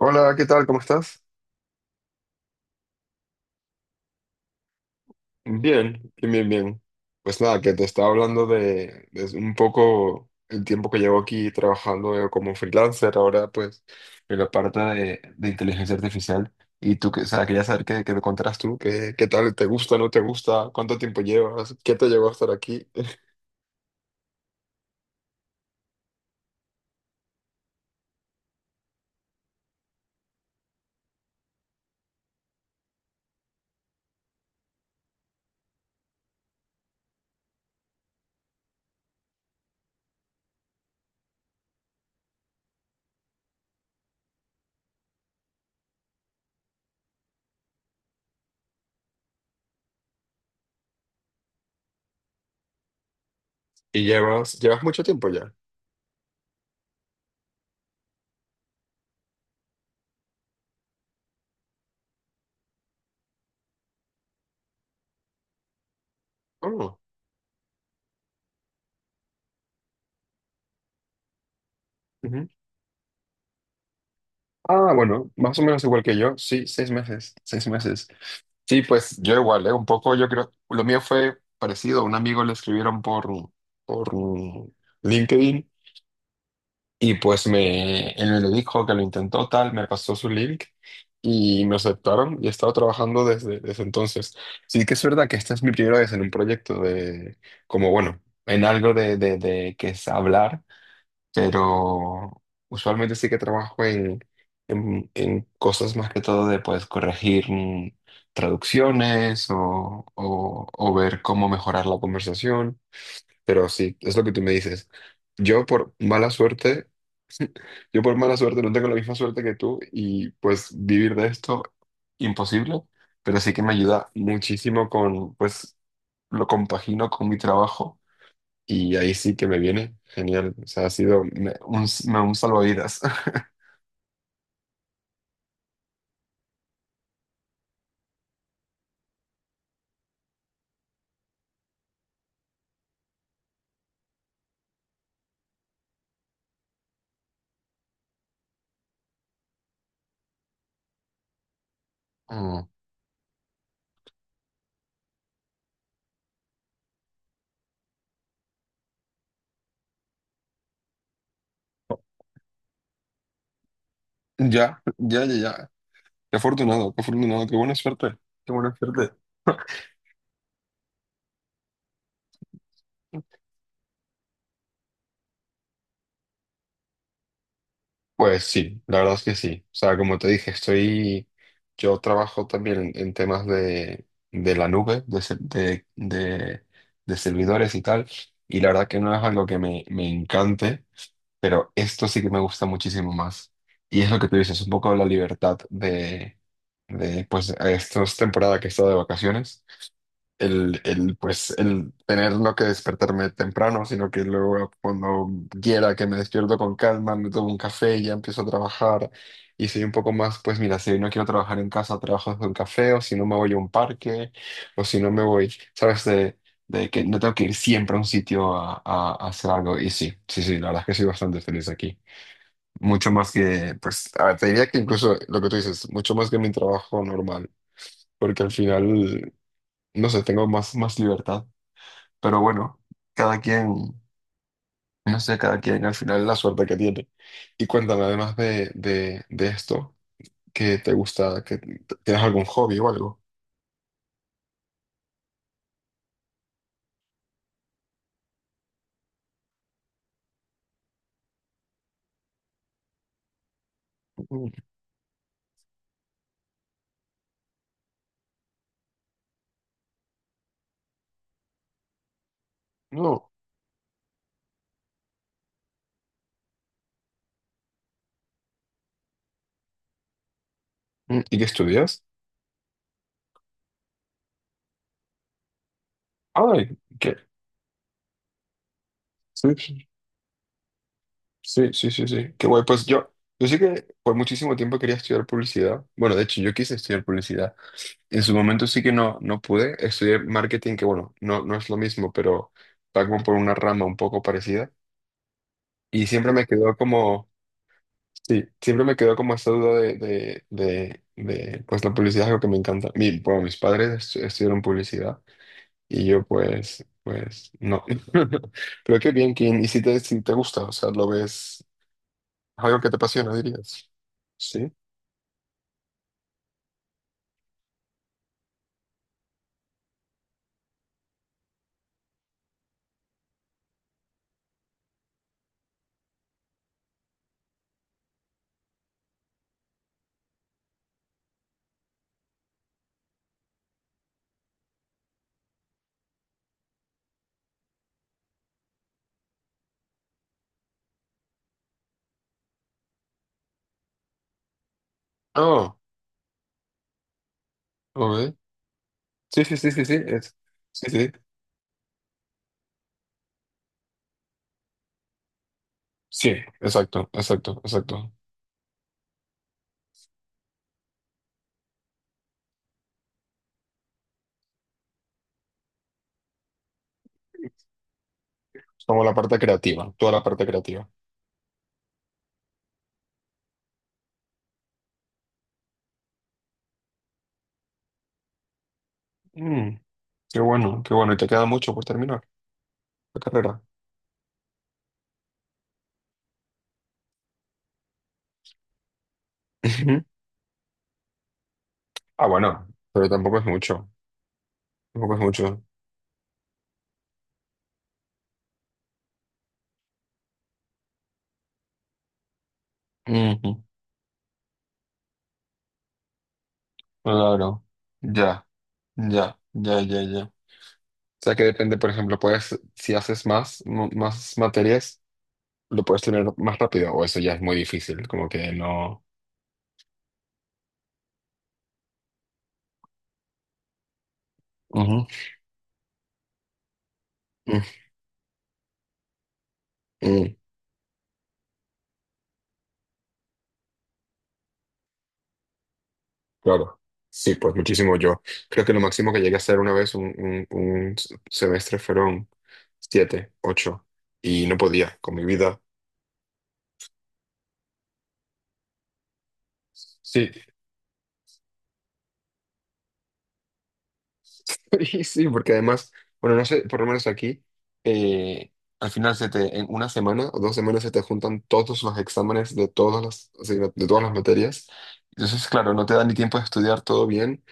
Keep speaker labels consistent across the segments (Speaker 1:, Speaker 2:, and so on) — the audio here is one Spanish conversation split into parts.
Speaker 1: Hola, ¿qué tal? ¿Cómo estás? Bien, bien, bien, bien. Pues nada, que te estaba hablando de un poco el tiempo que llevo aquí trabajando como freelancer, ahora pues en la parte de inteligencia artificial. Y tú, que, o sea, quería saber qué me contarás tú, qué tal, te gusta, no te gusta, cuánto tiempo llevas, qué te llevó a estar aquí. Y llevas mucho tiempo ya. Oh, ujú. Ah, bueno, más o menos igual que yo, sí, 6 meses, 6 meses. Sí, pues yo igual, ¿eh? Un poco, yo creo, lo mío fue parecido, a un amigo le escribieron por LinkedIn y pues él me lo dijo que lo intentó tal, me pasó su link y me aceptaron y he estado trabajando desde entonces. Sí que es verdad que esta es mi primera vez en un proyecto como bueno, en algo de que es hablar, pero usualmente sí que trabajo en cosas más que todo de pues corregir traducciones o ver cómo mejorar la conversación, pero sí, es lo que tú me dices. Yo por mala suerte, yo por mala suerte no tengo la misma suerte que tú y pues vivir de esto imposible, pero sí que me ayuda muchísimo con pues lo compagino con mi trabajo y ahí sí que me viene. Genial. O sea, ha sido un salvavidas. Mm. Ya, ya, ya, ya. Qué afortunado, qué afortunado, qué buena suerte. Qué buena suerte. Pues sí, la verdad es que sí. O sea, como te dije, yo trabajo también en temas de la nube, de, se- de servidores y tal, y la verdad que no es algo que me encante, pero esto sí que me gusta muchísimo más. Y es lo que tú dices, un poco la libertad de pues, esta temporada que he estado de vacaciones el tener no que despertarme temprano, sino que luego cuando quiera que me despierto con calma, me tomo un café y ya empiezo a trabajar. Y soy un poco más, pues mira, si no quiero trabajar en casa, trabajo desde un café, o si no me voy a un parque, o si no me voy, ¿sabes? De que no tengo que ir siempre a un sitio a, a hacer algo. Y sí, sí, sí, la verdad es que soy bastante feliz aquí. Mucho más que, pues, a ver, te diría que incluso lo que tú dices, mucho más que mi trabajo normal, porque al final, no sé, tengo más libertad. Pero bueno, cada quien, no sé, cada quien al final la suerte que tiene. Y cuéntame, además de esto, ¿qué te gusta? ¿Que tienes algún hobby o algo? Mm. No. ¿Y qué estudias? Ay, ¿qué? Sí, sí, sí, sí, sí. Sí. Qué guay. Pues yo sí que por muchísimo tiempo quería estudiar publicidad. Bueno, de hecho, yo quise estudiar publicidad. En su momento sí que no pude. Estudié marketing, que bueno, no es lo mismo, pero va como por una rama un poco parecida. Y siempre me quedó como. Sí, siempre me quedó como esta duda de, pues la publicidad es algo que me encanta. Bueno, mis padres estudiaron publicidad y yo pues, no. Pero qué bien, Kim. Y si te gusta, o sea, lo ves, es algo que te apasiona, dirías. Sí. Oh, ok. Sí, sí, sí, sí, sí. Sí, sí. Sí, exacto, exacto, exacto. Como la parte creativa, toda la parte creativa. Mm, Qué bueno, qué bueno. Y te queda mucho por terminar la carrera. Ah, bueno, pero tampoco es mucho. Tampoco es mucho. Ujú. Claro. Ya, ya, ya, ya, ya. O sea que depende, por ejemplo, puedes, si haces más, más materias, lo puedes tener más rápido, o eso ya es muy difícil, como que no. Ujú. Mm, mm, claro. Sí, pues muchísimo yo. Creo que lo máximo que llegué a hacer una vez un semestre fueron siete, ocho, y no podía con mi vida. Sí. Sí, sí, porque además, bueno, no sé, por lo menos aquí, eh, al final se te, en una semana o 2 semanas se te juntan todos los exámenes de todas de todas las materias. Entonces, claro, no te da ni tiempo de estudiar todo bien,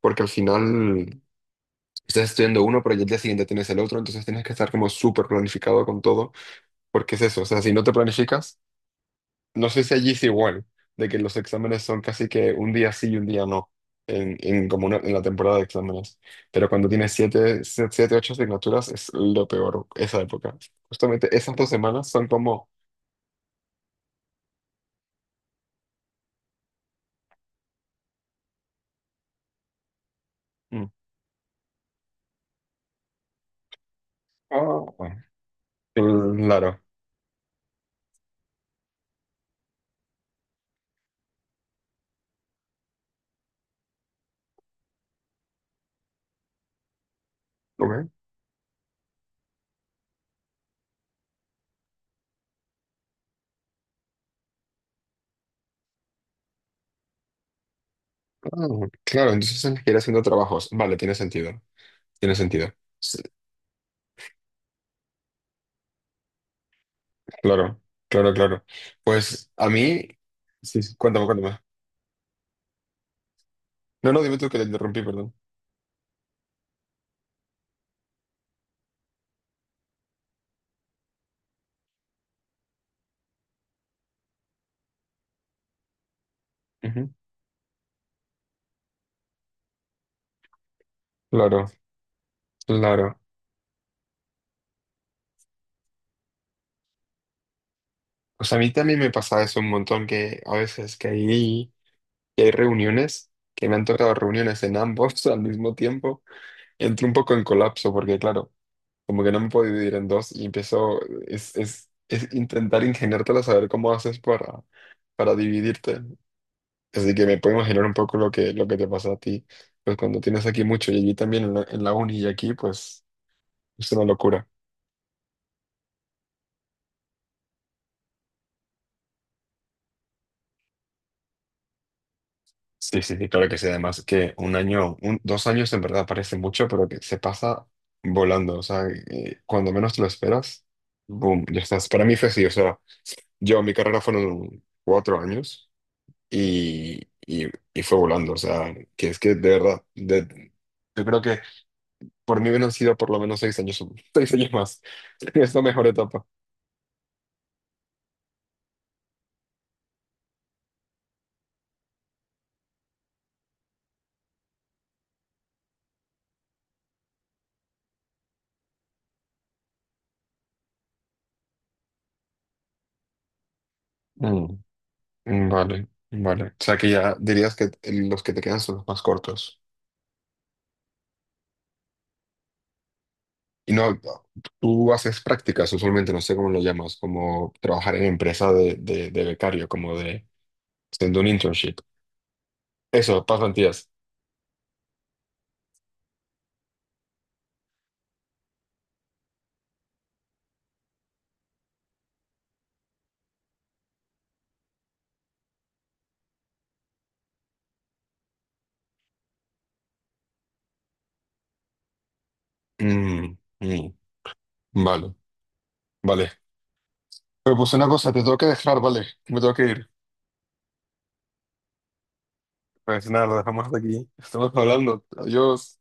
Speaker 1: porque al final estás estudiando uno, pero ya el día siguiente tienes el otro, entonces tienes que estar como súper planificado con todo, porque es eso, o sea, si no te planificas, no sé si allí es igual, de que los exámenes son casi que un día sí y un día no, en la temporada de exámenes. Pero cuando tienes siete, ocho asignaturas es lo peor, esa época. Justamente esas 2 semanas son como. Mm. Ah, bueno, claro. Ok, ah, claro, entonces tienes que ir haciendo trabajos. Vale, tiene sentido, tiene sentido. Sí, claro, claro, claro. Pues a mí. Sí, sí, cuéntame, cuéntame. No, no, dime tú que te interrumpí, perdón. Ujú. Claro, claro. O sea, a mí también me pasa eso un montón, que a veces que hay, reuniones, que me han tocado reuniones en ambos al mismo tiempo, entro un poco en colapso, porque claro, como que no me puedo dividir en dos y es intentar ingeniártela, saber cómo haces para dividirte. Así que me puedo imaginar un poco lo que te pasa a ti, pues cuando tienes aquí mucho y allí también en la uni y aquí, pues es una locura. Sí, sí, sí, claro que sí. Además que 2 años en verdad parece mucho, pero que se pasa volando. O sea, cuando menos te lo esperas, boom, ya estás. Para mí fue así. O sea, mi carrera fueron 4 años y, y, y fue volando. O sea, que es que de verdad, yo creo que por mí hubieran sido por lo menos 6 años, 6 años más. Es la mejor etapa. Mm, vale, vale. O sea, que ya dirías que los que te quedan son los más cortos. Y no, tú haces prácticas usualmente, no sé cómo lo llamas, como trabajar en empresa de becario, como de haciendo un internship. Eso, pasan días. Mm, mm, vale, vale. Pero pues una cosa, te tengo que dejar, vale, me tengo que ir. Pues nada, lo dejamos hasta aquí. Estamos hablando. Adiós.